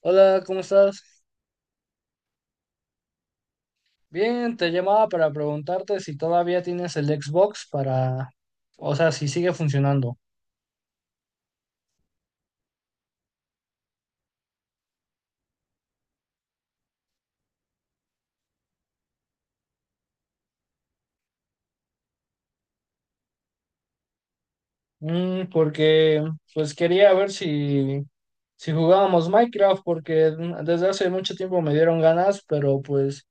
Hola, ¿cómo estás? Bien, te llamaba para preguntarte si todavía tienes el Xbox para, o sea, si sigue funcionando. Porque pues quería ver si jugábamos Minecraft, porque desde hace mucho tiempo me dieron ganas, pero pues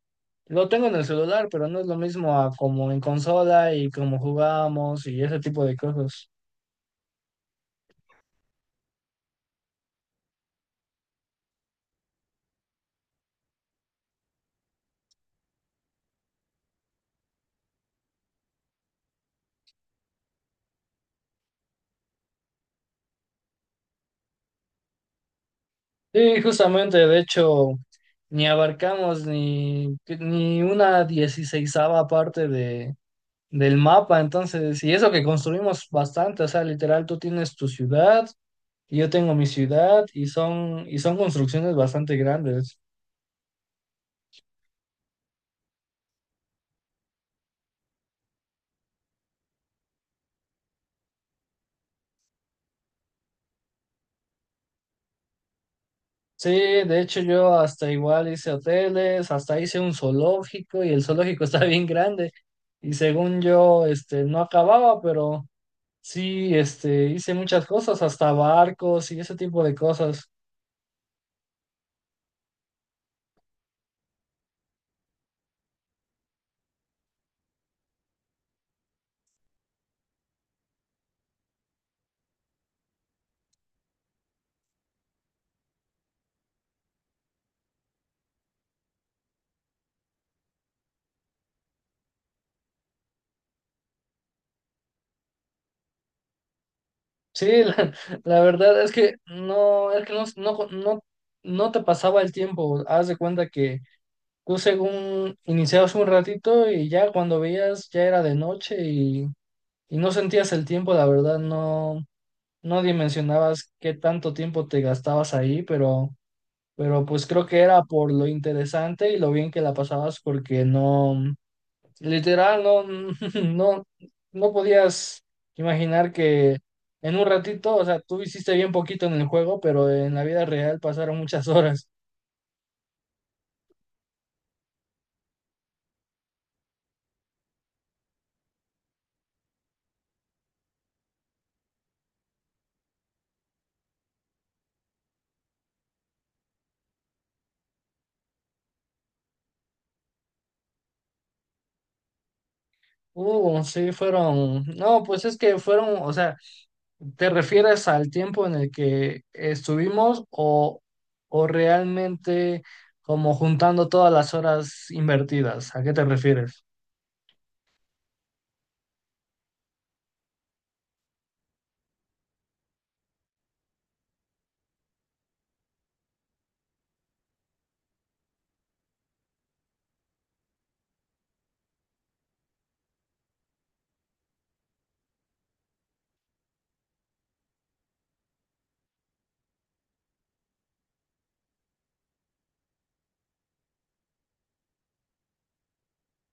lo tengo en el celular, pero no es lo mismo a como en consola y como jugábamos y ese tipo de cosas. Sí, justamente, de hecho, ni abarcamos ni una dieciseisava parte de del mapa, entonces, y eso que construimos bastante, o sea, literal, tú tienes tu ciudad y yo tengo mi ciudad y son construcciones bastante grandes. Sí, de hecho yo hasta igual hice hoteles, hasta hice un zoológico y el zoológico está bien grande y según yo, este, no acababa, pero sí, este, hice muchas cosas, hasta barcos y ese tipo de cosas. Sí, la verdad es que no, no, no, no te pasaba el tiempo, haz de cuenta que iniciabas un ratito y ya cuando veías ya era de noche y no sentías el tiempo, la verdad, no, no dimensionabas qué tanto tiempo te gastabas ahí, pero pues creo que era por lo interesante y lo bien que la pasabas porque no, literal, no, no, no podías imaginar que en un ratito, o sea, tú hiciste bien poquito en el juego, pero en la vida real pasaron muchas horas. Sí, fueron, no, pues es que fueron, o sea, ¿te refieres al tiempo en el que estuvimos o realmente como juntando todas las horas invertidas? ¿A qué te refieres?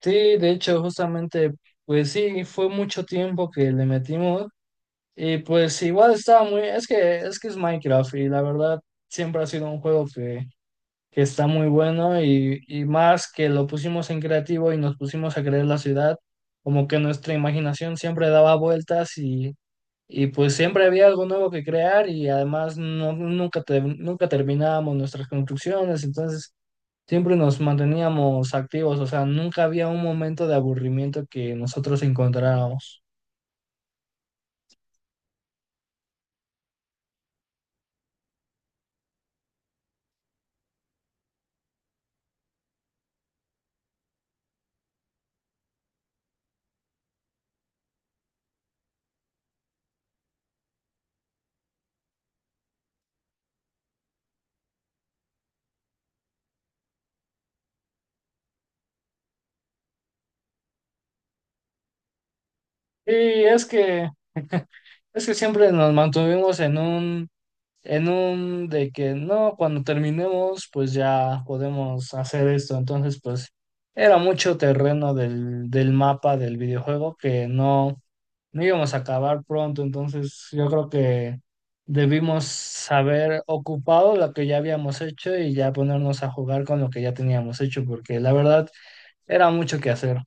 Sí, de hecho, justamente, pues sí, fue mucho tiempo que le metimos y pues igual estaba muy, es que es Minecraft y la verdad siempre ha sido un juego que está muy bueno y más que lo pusimos en creativo y nos pusimos a crear la ciudad, como que nuestra imaginación siempre daba vueltas y pues siempre había algo nuevo que crear y además no, nunca, nunca terminábamos nuestras construcciones, entonces siempre nos manteníamos activos, o sea, nunca había un momento de aburrimiento que nosotros encontráramos. Y es que, siempre nos mantuvimos en un de que no, cuando terminemos, pues ya podemos hacer esto, entonces pues era mucho terreno del mapa del videojuego que no no íbamos a acabar pronto, entonces yo creo que debimos haber ocupado lo que ya habíamos hecho y ya ponernos a jugar con lo que ya teníamos hecho, porque la verdad era mucho que hacer.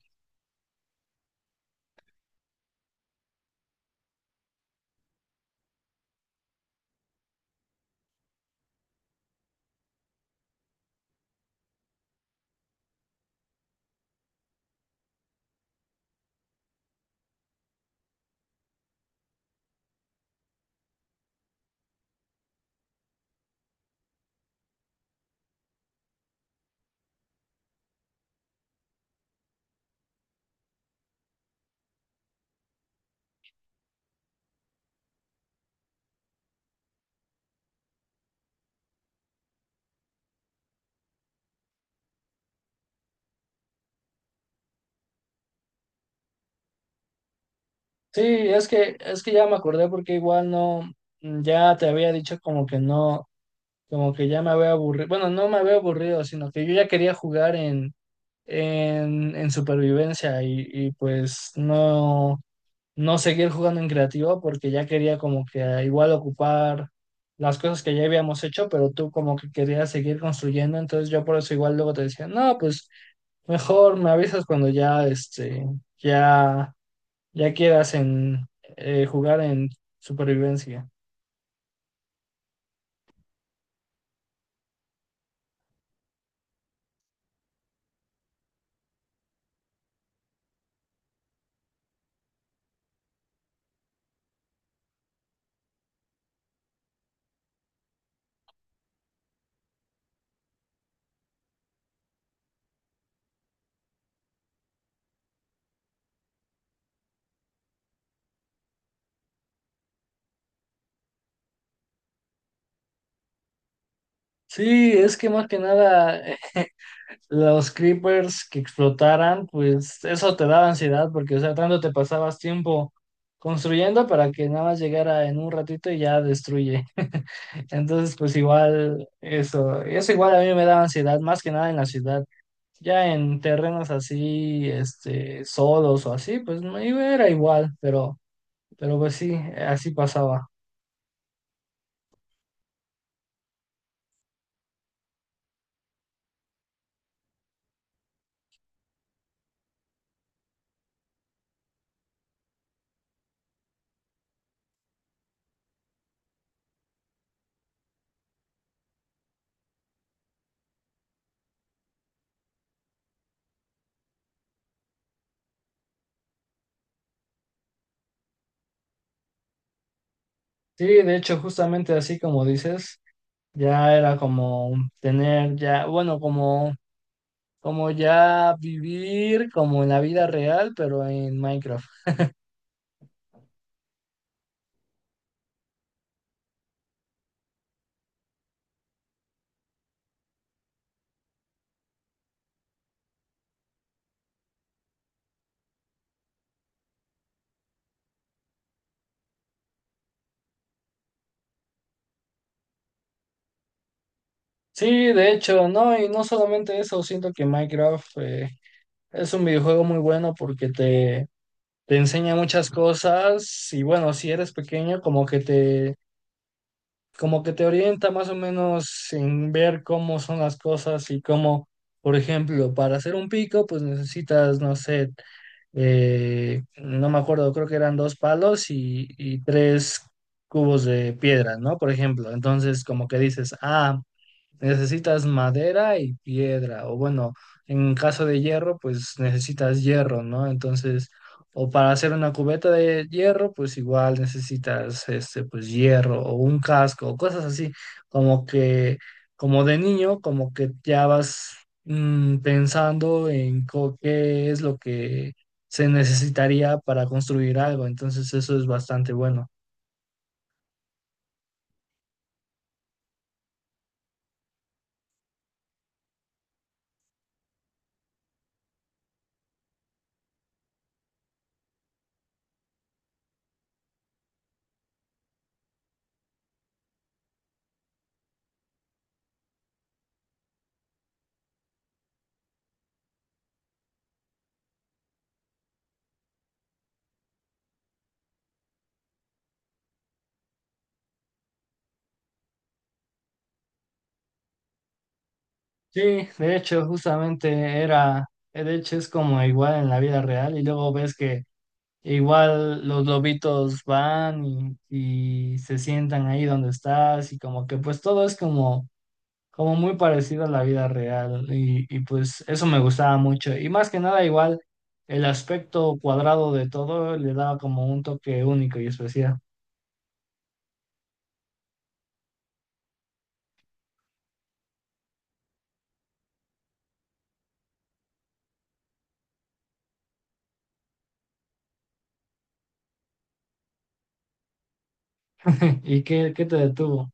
Sí, es que, ya me acordé porque igual no, ya te había dicho como que no, como que ya me había aburrido, bueno, no me había aburrido, sino que yo ya quería jugar en supervivencia y pues no, no seguir jugando en creativo porque ya quería como que ah, igual ocupar las cosas que ya habíamos hecho, pero tú como que querías seguir construyendo, entonces yo por eso igual luego te decía, no, pues mejor me avisas cuando ya, este, ya, ya quieras en jugar en supervivencia. Sí, es que más que nada los creepers que explotaran, pues eso te daba ansiedad porque, o sea, tanto te pasabas tiempo construyendo para que nada más llegara en un ratito y ya destruye. Entonces, pues igual eso, eso igual a mí me daba ansiedad, más que nada en la ciudad. Ya en terrenos así, este, solos o así, pues no era igual, pero pues sí, así pasaba. Sí, de hecho, justamente así como dices, ya era como tener ya, bueno, como ya vivir como en la vida real, pero en Minecraft. Sí, de hecho, no, y no solamente eso, siento que Minecraft es un videojuego muy bueno porque te enseña muchas cosas y bueno, si eres pequeño, como que te orienta más o menos en ver cómo son las cosas y cómo, por ejemplo, para hacer un pico, pues necesitas, no sé, no me acuerdo, creo que eran dos palos y tres cubos de piedra, ¿no? Por ejemplo, entonces como que dices, ah, necesitas madera y piedra, o bueno, en caso de hierro, pues necesitas hierro, ¿no? Entonces, o para hacer una cubeta de hierro, pues igual necesitas este, pues hierro o un casco, o cosas así, como que, como de niño, como que ya vas pensando en qué es lo que se necesitaría para construir algo, entonces eso es bastante bueno. Sí, de hecho, justamente era, de hecho es como igual en la vida real y luego ves que igual los lobitos van y se sientan ahí donde estás y como que pues todo es como, como muy parecido a la vida real y pues eso me gustaba mucho y más que nada igual el aspecto cuadrado de todo le daba como un toque único y especial. ¿Y qué te detuvo?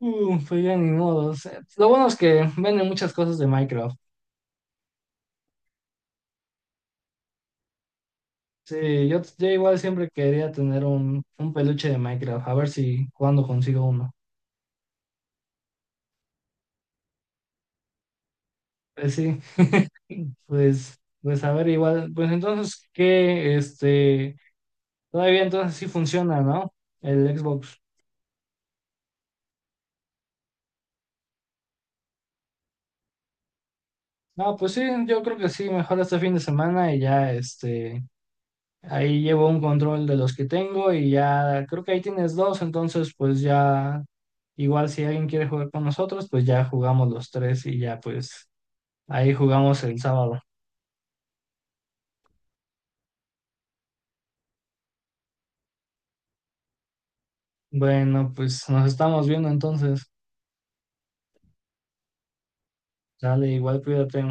Pues ya ni modos. Lo bueno es que venden muchas cosas de Minecraft. Sí, yo igual siempre quería tener un peluche de Minecraft, a ver si cuando consigo uno. Pues sí, pues a ver igual, pues entonces que este, todavía entonces sí funciona, ¿no? El Xbox. No, pues sí, yo creo que sí, mejor este fin de semana y ya este, ahí llevo un control de los que tengo y ya creo que ahí tienes dos, entonces pues ya igual si alguien quiere jugar con nosotros, pues ya jugamos los tres y ya pues ahí jugamos el sábado. Bueno, pues nos estamos viendo entonces. Dale, igual cuídate.